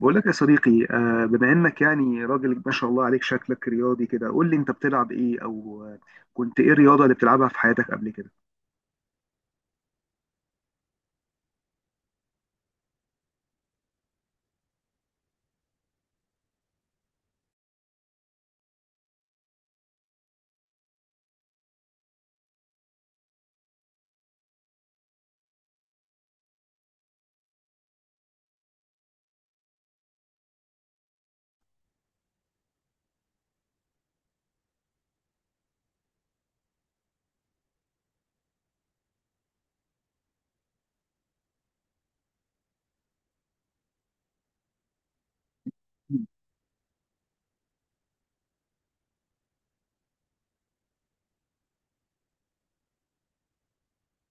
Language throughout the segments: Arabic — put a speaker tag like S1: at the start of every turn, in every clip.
S1: بقول لك يا صديقي، بما انك يعني راجل ما شاء الله عليك، شكلك رياضي كده. قول لي انت بتلعب ايه، او كنت ايه الرياضة اللي بتلعبها في حياتك قبل كده؟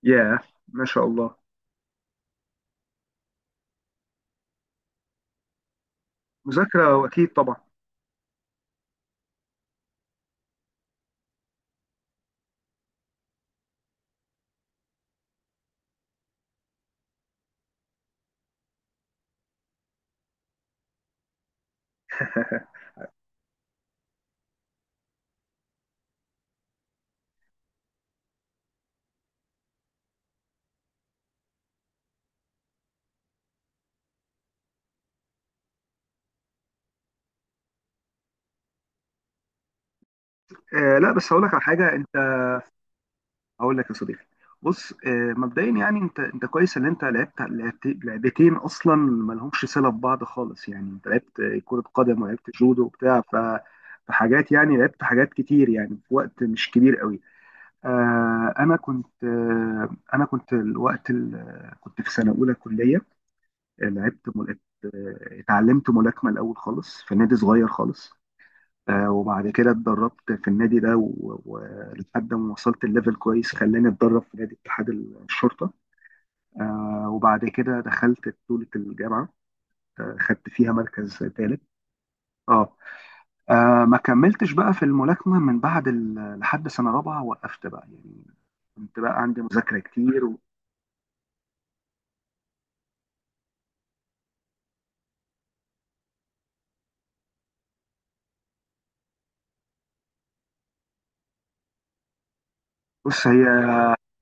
S1: ياه، ما شاء الله. مذاكرة واكيد طبعا. لا، بس هقول لك على حاجة انت. هقول لك يا صديقي، بص، مبدئيا يعني انت كويس ان انت لعبت لعبتين اصلا ما لهمش صلة ببعض خالص. يعني انت لعبت كرة قدم ولعبت جودو وبتاع. فحاجات، يعني لعبت حاجات كتير يعني في وقت مش كبير قوي. انا كنت، كنت في سنه اولى كليه. آه، لعبت مل... اتعلمت ملاكمه الاول خالص في نادي صغير خالص. وبعد كده اتدربت في النادي ده ولحد ما وصلت الليفل كويس، خلاني اتدرب في نادي اتحاد الشرطه. وبعد كده دخلت بطوله الجامعه. خدت فيها مركز ثالث. اه. ما كملتش بقى في الملاكمه من بعد لحد سنه رابعه. وقفت بقى يعني، كنت بقى عندي مذاكرة كتير. بص،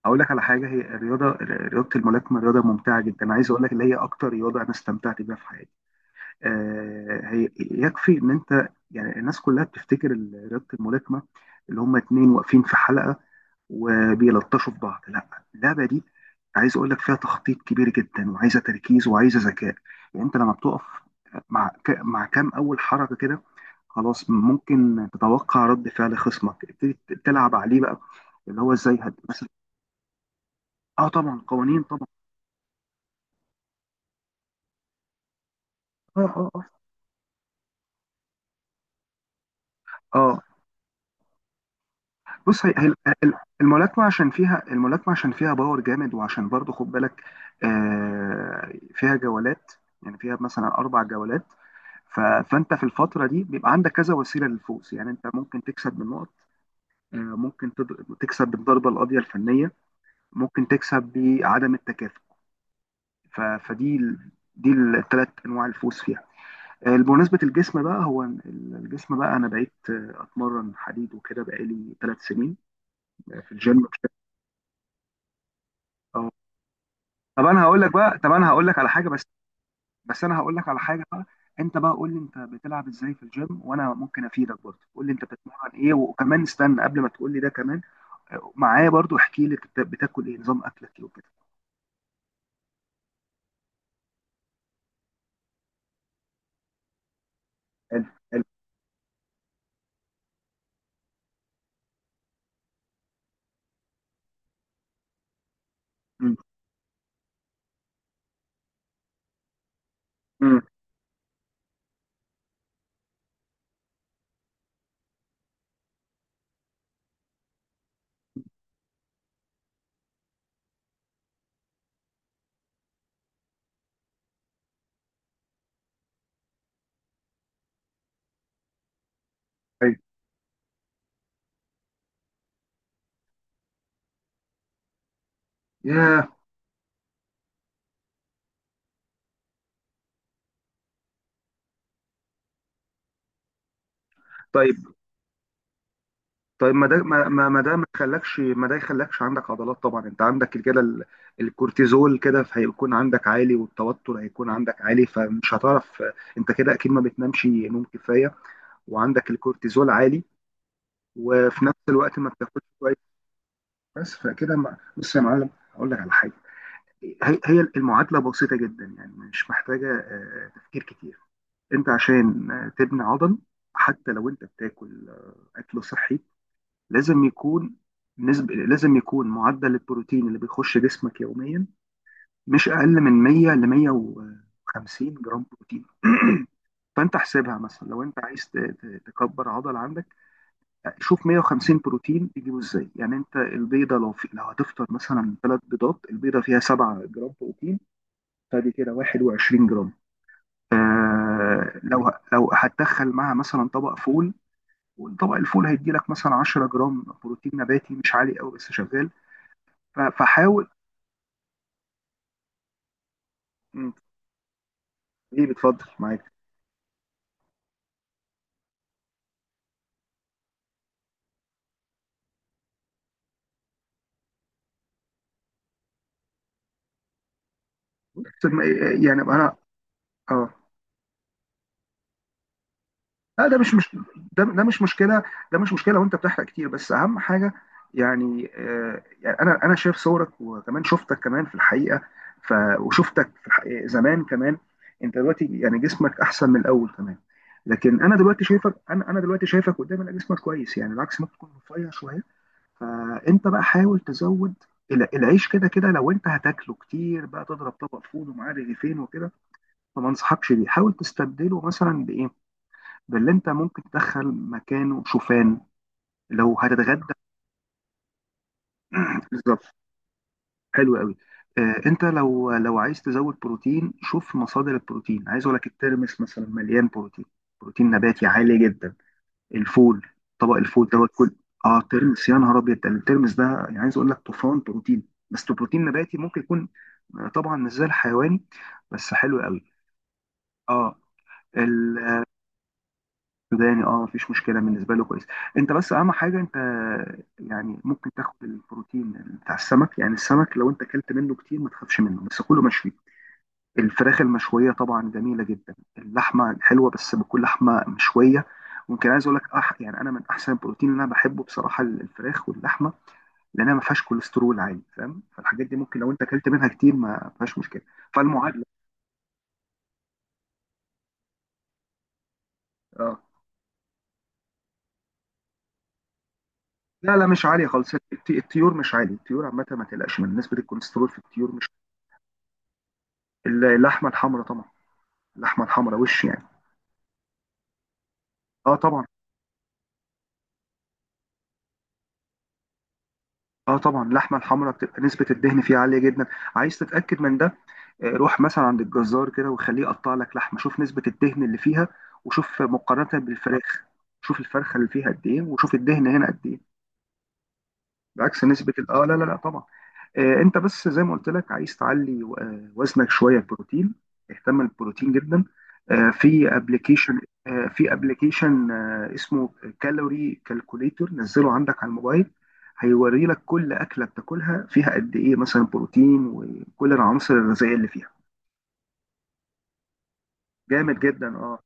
S1: اقول لك على حاجه. هي الرياضه رياضه الملاكمه رياضه ممتعه جدا، عايز اقول لك اللي هي اكتر رياضه انا استمتعت بيها في حياتي. هي يكفي ان انت، يعني الناس كلها بتفتكر رياضه الملاكمه اللي هم اتنين واقفين في حلقه وبيلطشوا في بعض. لا، اللعبه دي عايز اقول لك فيها تخطيط كبير جدا، وعايزه تركيز، وعايزه ذكاء. يعني انت لما بتقف مع كام اول حركه كده، خلاص ممكن تتوقع رد فعل خصمك، تبتدي تلعب عليه بقى، اللي هو اه طبعا قوانين طبعا. اه، اه، اه، اه. بص، ال- الملاكمه عشان فيها باور جامد، وعشان برضو خد بالك فيها جولات، يعني فيها مثلا 4 جولات. فانت في الفتره دي بيبقى عندك كذا وسيله للفوز. يعني انت ممكن تكسب بالنقط، ممكن تكسب بالضربه القاضيه الفنيه، ممكن تكسب بعدم التكافؤ. ف- فدي ال- دي الثلاث انواع الفوز فيها. بمناسبة الجسم بقى، هو الجسم بقى أنا بقيت أتمرن حديد وكده بقالي 3 سنين في الجيم بشكل. أه. طب أنا هقول لك على حاجة، بس بس أنا هقول لك على حاجة بقى. أنت بقى قول لي أنت بتلعب إزاي في الجيم، وأنا ممكن أفيدك برضه. قول لي أنت بتتمرن إيه، وكمان استنى قبل ما تقول لي ده، كمان معايا برضه احكي لي أنت بتاكل إيه، نظام أكلك إيه وكده. حلو. حلو. مم. مم. أيوه. ياه. طيب، ما ده ما ما ما ده ما يخلكش ما ده يخلكش عندك عضلات طبعا. انت عندك كده الكورتيزول كده، هيكون عندك عالي، والتوتر هيكون عندك عالي، فمش هتعرف. انت كده اكيد ما بتنامش نوم كفايه، وعندك الكورتيزول عالي، وفي نفس الوقت ما بتاكلش كويس. بس فكده بص يا معلم، هقول لك على حاجه. هي المعادله بسيطه جدا، يعني مش محتاجه تفكير كتير. انت عشان تبني عضل، حتى لو انت بتاكل اكل صحي، لازم يكون لازم يكون معدل البروتين اللي بيخش جسمك يوميا مش أقل من 100 ل 150 جرام بروتين. فأنت احسبها مثلا، لو أنت عايز تكبر عضل عندك، شوف 150 بروتين تجيبه إزاي. يعني أنت البيضة، لو هتفطر مثلا 3 بيضات، البيضة فيها 7 جرام بروتين، فدي كده 21 جرام. آه، لو هتدخل معاها مثلا طبق فول، وطبق الفول هيدي لك مثلا 10 جرام بروتين نباتي، مش عالي قوي بس شغال. فحاول. مم. ايه بتفضل معاك؟ بص، يعني انا، اه. لا ده مش مش ده مش مشكله. ده مش مشكله، وانت بتحرق كتير، بس اهم حاجه، يعني انا شايف صورك، وكمان شفتك كمان في الحقيقه. ف وشفتك في الحقيقة زمان كمان. انت دلوقتي يعني جسمك احسن من الاول كمان. لكن انا دلوقتي شايفك، انا دلوقتي شايفك قدامي، انا جسمك كويس، يعني العكس ممكن تكون رفيع شويه. فانت بقى حاول تزود العيش. كده كده لو انت هتاكله كتير بقى، تضرب طبق فول ومعاه رغيفين وكده، فما انصحكش بيه. حاول تستبدله مثلا بايه؟ باللي انت ممكن تدخل مكانه، شوفان، لو هتتغدى. بالظبط، حلو قوي. آه، انت لو عايز تزود بروتين، شوف مصادر البروتين. عايز اقول لك الترمس مثلا مليان بروتين، بروتين نباتي عالي جدا. الفول، طبق الفول دوت كل. اه، ترمس، يا نهار ابيض، ده الترمس ده يعني عايز اقول لك طوفان بروتين. بس ده بروتين نباتي، ممكن يكون طبعا مش زي الحيواني، بس حلو قوي. اه، السوداني. اه، مفيش مشكله بالنسبه له، كويس. انت بس اهم حاجه انت، يعني ممكن تاخد البروتين بتاع السمك. يعني السمك لو انت اكلت منه كتير ما تخافش منه، بس كله مشوي. الفراخ المشوية طبعا جميلة جدا، اللحمة حلوة بس بكل لحمة مشوية. ممكن، عايز اقول لك يعني انا من احسن البروتين اللي انا بحبه بصراحة الفراخ واللحمة، لانها ما فيهاش كوليسترول عالي، فاهم؟ فالحاجات دي ممكن لو انت اكلت منها كتير ما فيهاش مشكلة. فالمعادلة. اه لا لا، مش عالية خالص، الطيور مش عالية، الطيور عامة ما تقلقش من نسبة الكوليسترول في الطيور، مش. اللحمة الحمراء طبعا، اللحمة الحمراء وش يعني. اه طبعا. اه طبعا، اللحمه الحمراء بتبقى نسبه الدهن فيها عاليه جدا. عايز تتاكد من ده، روح مثلا عند الجزار كده وخليه يقطع لك لحمه، شوف نسبه الدهن اللي فيها، وشوف مقارنه بالفراخ. شوف الفرخه اللي فيها قد ايه، وشوف الدهن هنا قد ايه، بعكس نسبة اه لا لا لا، طبعا. انت بس زي ما قلت لك، عايز تعلي وزنك شوية بروتين، اهتم بالبروتين جدا. آه في ابلكيشن في ابلكيشن اسمه كالوري كالكوليتور. نزله عندك على الموبايل، هيوري لك كل أكلة بتاكلها فيها قد ايه مثلا بروتين، وكل العناصر الغذائية اللي فيها. جامد جدا، اه.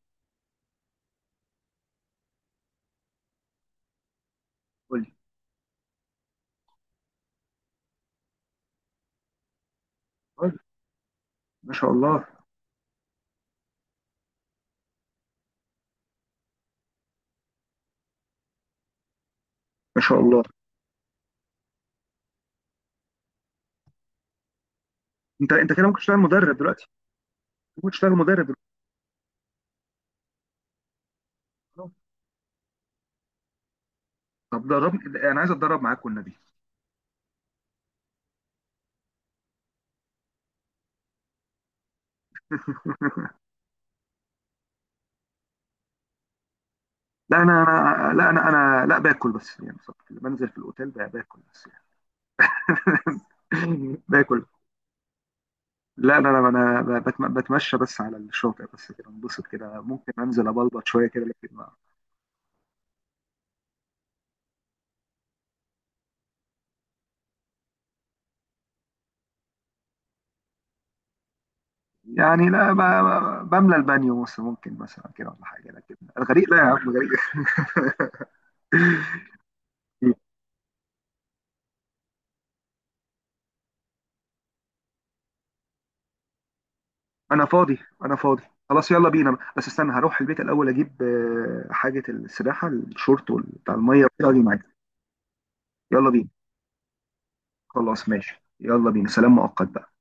S1: قول لي. قول لي. ما شاء الله. ما شاء الله، انت كده ممكن تشتغل مدرب دلوقتي، ممكن تشتغل مدرب دلوقتي. طب دربني، انا عايز اتدرب معاك والنبي. لا انا انا لا انا انا لا باكل بس يعني بصراحه، بنزل في الاوتيل بقى، باكل بس يعني. باكل. لا انا انا أنا بتمشى بس على الشاطئ بس كده، انبسط كده، ممكن انزل ابلبط شويه كده، لكن يعني لا، بملى البانيو مثلا ممكن مثلا كده ولا حاجه، لكن الغريق لا يا عم، غريق. انا فاضي، انا فاضي. خلاص يلا بينا، بس استنى هروح البيت الاول اجيب حاجه السباحه، الشورت بتاع الميه كده، واجي معاك. يلا بينا. خلاص ماشي، يلا بينا، سلام مؤقت بقى.